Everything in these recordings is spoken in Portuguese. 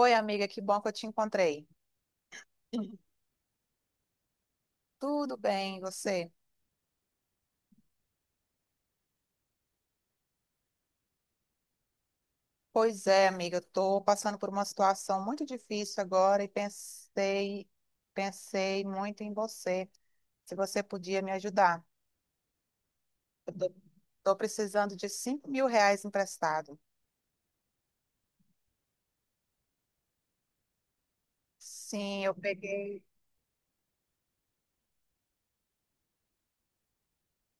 Oi, amiga, que bom que eu te encontrei. Tudo bem, e você? Pois é, amiga, eu estou passando por uma situação muito difícil agora e pensei muito em você, se você podia me ajudar. Eu estou precisando de R$ 5.000 emprestado. Sim, eu peguei,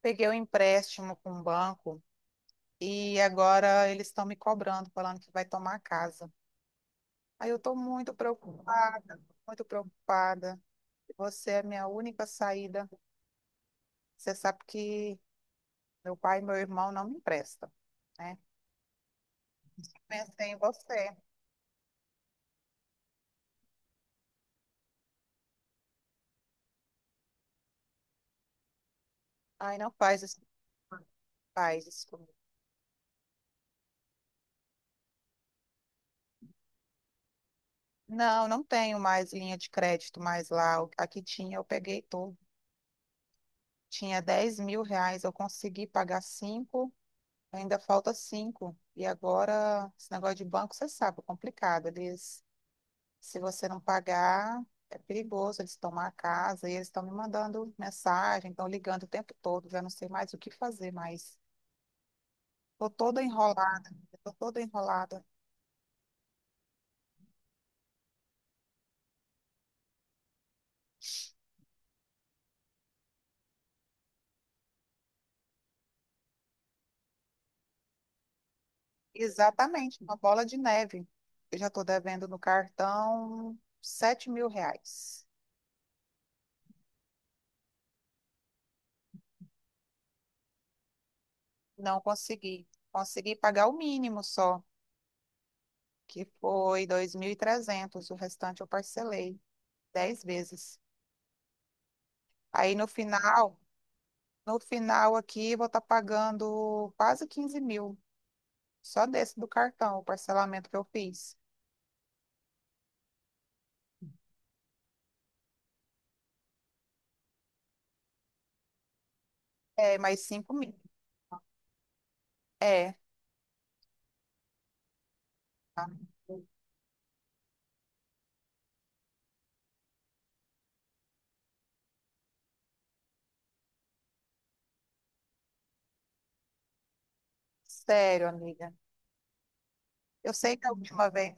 peguei o empréstimo com o banco e agora eles estão me cobrando, falando que vai tomar a casa. Aí eu estou muito preocupada, muito preocupada. Você é a minha única saída. Você sabe que meu pai e meu irmão não me emprestam, né? Pensei em você. Ai, não faz isso, comigo, faz isso comigo. Não, não tenho mais linha de crédito mais lá. Aqui tinha, eu peguei tudo. Tinha R$ 10.000, eu consegui pagar cinco, ainda falta cinco. E agora, esse negócio de banco, você sabe, é complicado. Eles, se você não pagar, é perigoso, eles tomam a casa e eles estão me mandando mensagem, estão ligando o tempo todo, já não sei mais o que fazer mais. Tô toda enrolada, tô toda enrolada. Exatamente, uma bola de neve. Eu já estou devendo no cartão R$ 7.000. Não consegui. Consegui pagar o mínimo só, que foi 2.300. O restante eu parcelei 10 vezes. Aí no final aqui, vou estar pagando quase 15 mil. Só desse do cartão, o parcelamento que eu fiz. É, mais 5.000. É, tá. Sério, amiga. Eu sei que a última vez,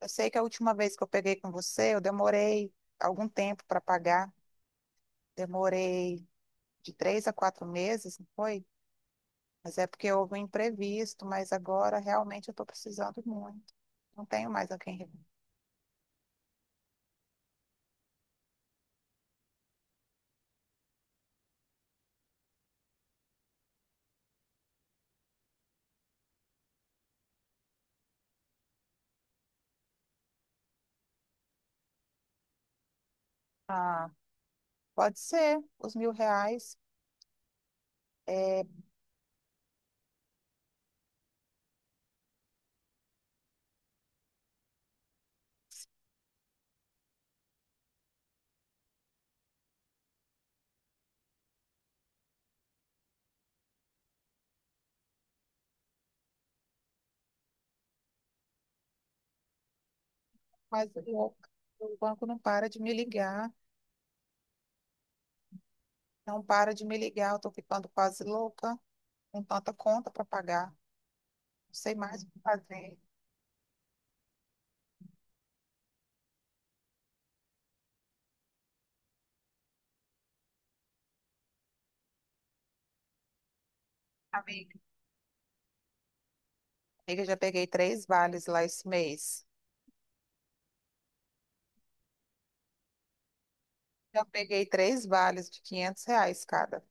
eu sei que a última vez que eu peguei com você, eu demorei algum tempo para pagar. Demorei de 3 a 4 meses, não foi? Mas é porque houve um imprevisto, mas agora realmente eu estou precisando muito. Não tenho mais a quem. Recorrer. Ah, pode ser, os R$ 1.000. É, mas o banco não para de me ligar, não para de me ligar. Eu estou ficando quase louca, com tanta conta para pagar. Não sei mais o que fazer. Amiga. Amiga, eu já peguei três vales lá esse mês. Eu peguei três vales de R$ 500 cada.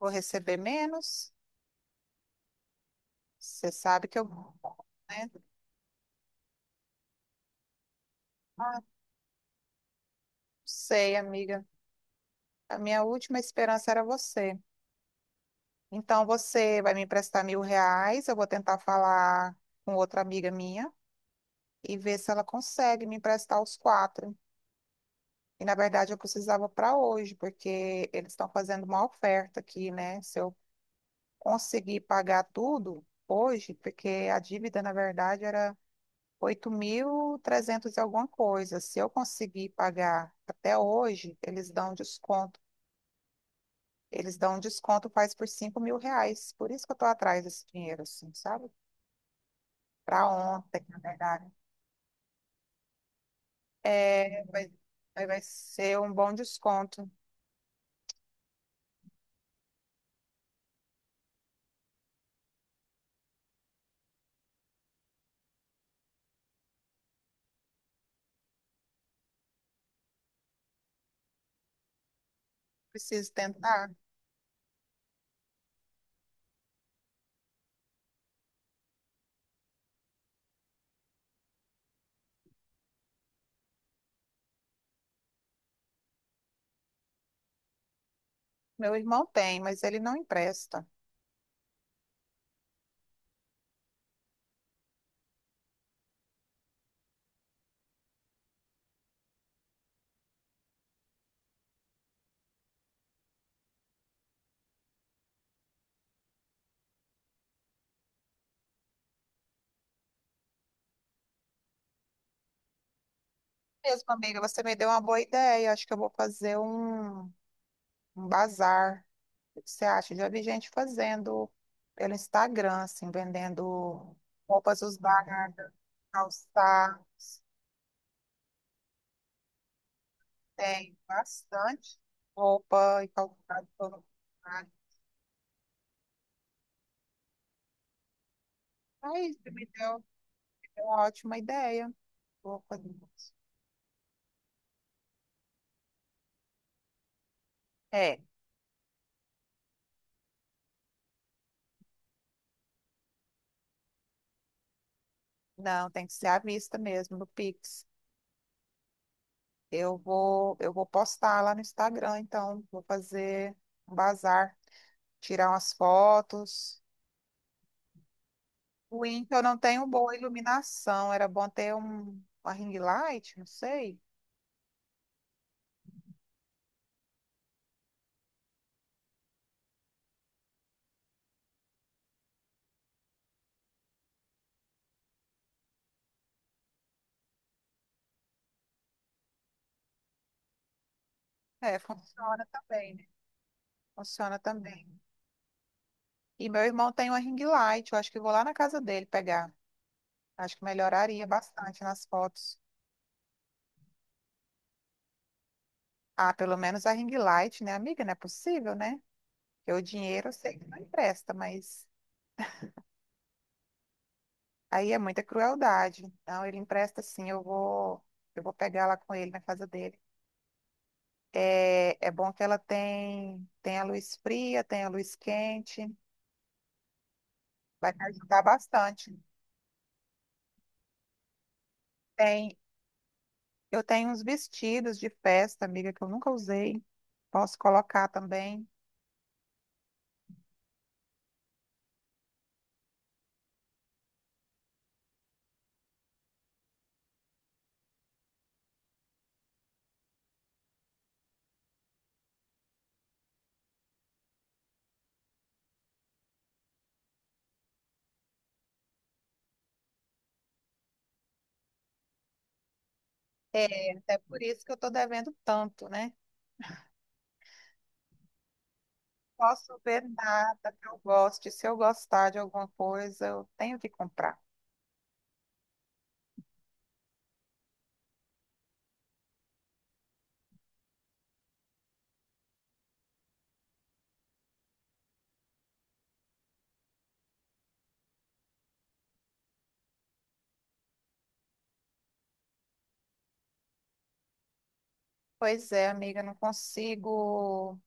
Vou receber menos? Você sabe que eu, né? Ah, não sei, amiga. A minha última esperança era você. Então, você vai me emprestar R$ 1.000, eu vou tentar falar com outra amiga minha e ver se ela consegue me emprestar os quatro. E, na verdade, eu precisava para hoje, porque eles estão fazendo uma oferta aqui, né? Se eu consegui pagar tudo hoje, porque a dívida, na verdade, era 8.300 e trezentos e alguma coisa. Se eu conseguir pagar até hoje, eles dão desconto. Eles dão desconto, faz por R$ 5.000. Por isso que eu estou atrás desse dinheiro, assim, sabe? Para ontem, na verdade. É, vai, aí vai ser um bom desconto. Preciso tentar. Meu irmão tem, mas ele não empresta. Mesmo, amiga, você me deu uma boa ideia. Acho que eu vou fazer um bazar. O que você acha? Já vi gente fazendo pelo Instagram, assim, vendendo roupas usadas, calçados. Tem bastante roupa e calçado pelo mercado. Aí, você me deu uma ótima ideia. Vou fazer isso. É, não, tem que ser à vista mesmo, no Pix. Eu vou postar lá no Instagram, então, vou fazer um bazar, tirar umas fotos. Ruim que eu não tenho boa iluminação. Era bom ter uma ring light, não sei. É, funciona também, né? Funciona também. E meu irmão tem uma ring light, eu acho que eu vou lá na casa dele pegar. Acho que melhoraria bastante nas fotos. Ah, pelo menos a ring light, né, amiga? Não é possível, né? Porque o dinheiro eu sei que não empresta, mas aí é muita crueldade. Então, ele empresta sim, eu vou pegar lá com ele na casa dele. É, é bom que ela tem a luz fria, tem a luz quente. Vai me ajudar bastante. Tem, eu tenho uns vestidos de festa, amiga, que eu nunca usei. Posso colocar também. É, é por isso que eu tô devendo tanto, né? Posso ver nada que eu goste. Se eu gostar de alguma coisa, eu tenho que comprar. Pois é, amiga, eu não consigo,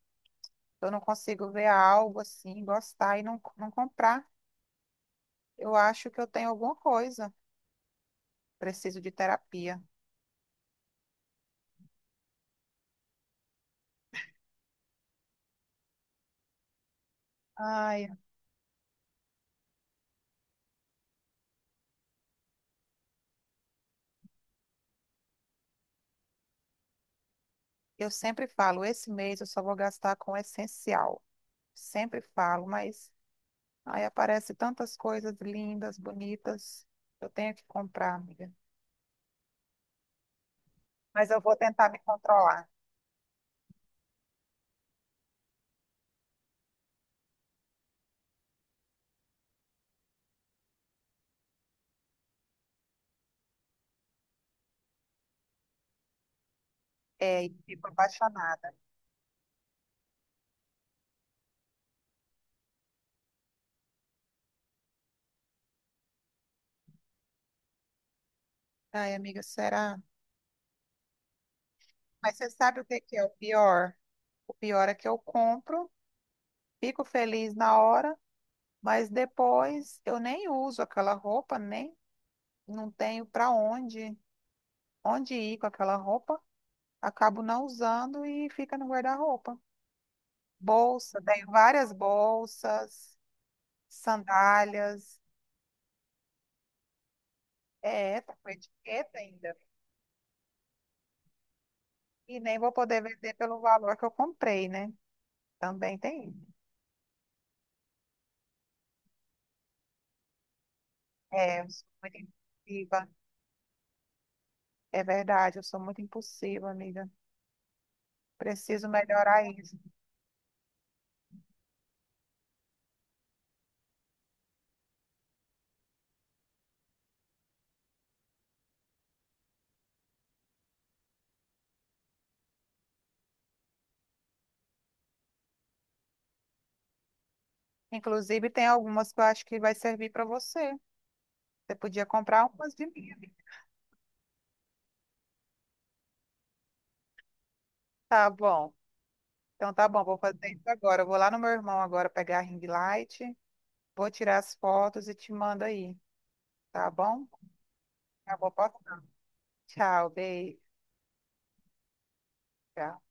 eu não consigo ver algo assim, gostar e não comprar. Eu acho que eu tenho alguma coisa. Preciso de terapia. Ai, eu sempre falo, esse mês eu só vou gastar com o essencial. Sempre falo, mas aí aparece tantas coisas lindas, bonitas. Eu tenho que comprar, amiga. Mas eu vou tentar me controlar. É, e fico apaixonada. Ai, amiga, será? Mas você sabe o que que é o pior? O pior é que eu compro, fico feliz na hora, mas depois eu nem uso aquela roupa, nem não tenho para onde, onde ir com aquela roupa. Acabo não usando e fica no guarda-roupa. Bolsa, tenho várias bolsas. Sandálias. É, tá com etiqueta ainda. E nem vou poder vender pelo valor que eu comprei, né? Também tem. Isso. É, eu sou muito impulsiva. É verdade, eu sou muito impulsiva, amiga. Preciso melhorar isso. Inclusive, tem algumas que eu acho que vai servir para você. Você podia comprar umas de mim, amiga. Tá bom. Então tá bom, vou fazer isso agora. Eu vou lá no meu irmão agora pegar a ring light, vou tirar as fotos e te mando aí, tá bom? Tá bom, posso? Tchau, beijo. Tchau.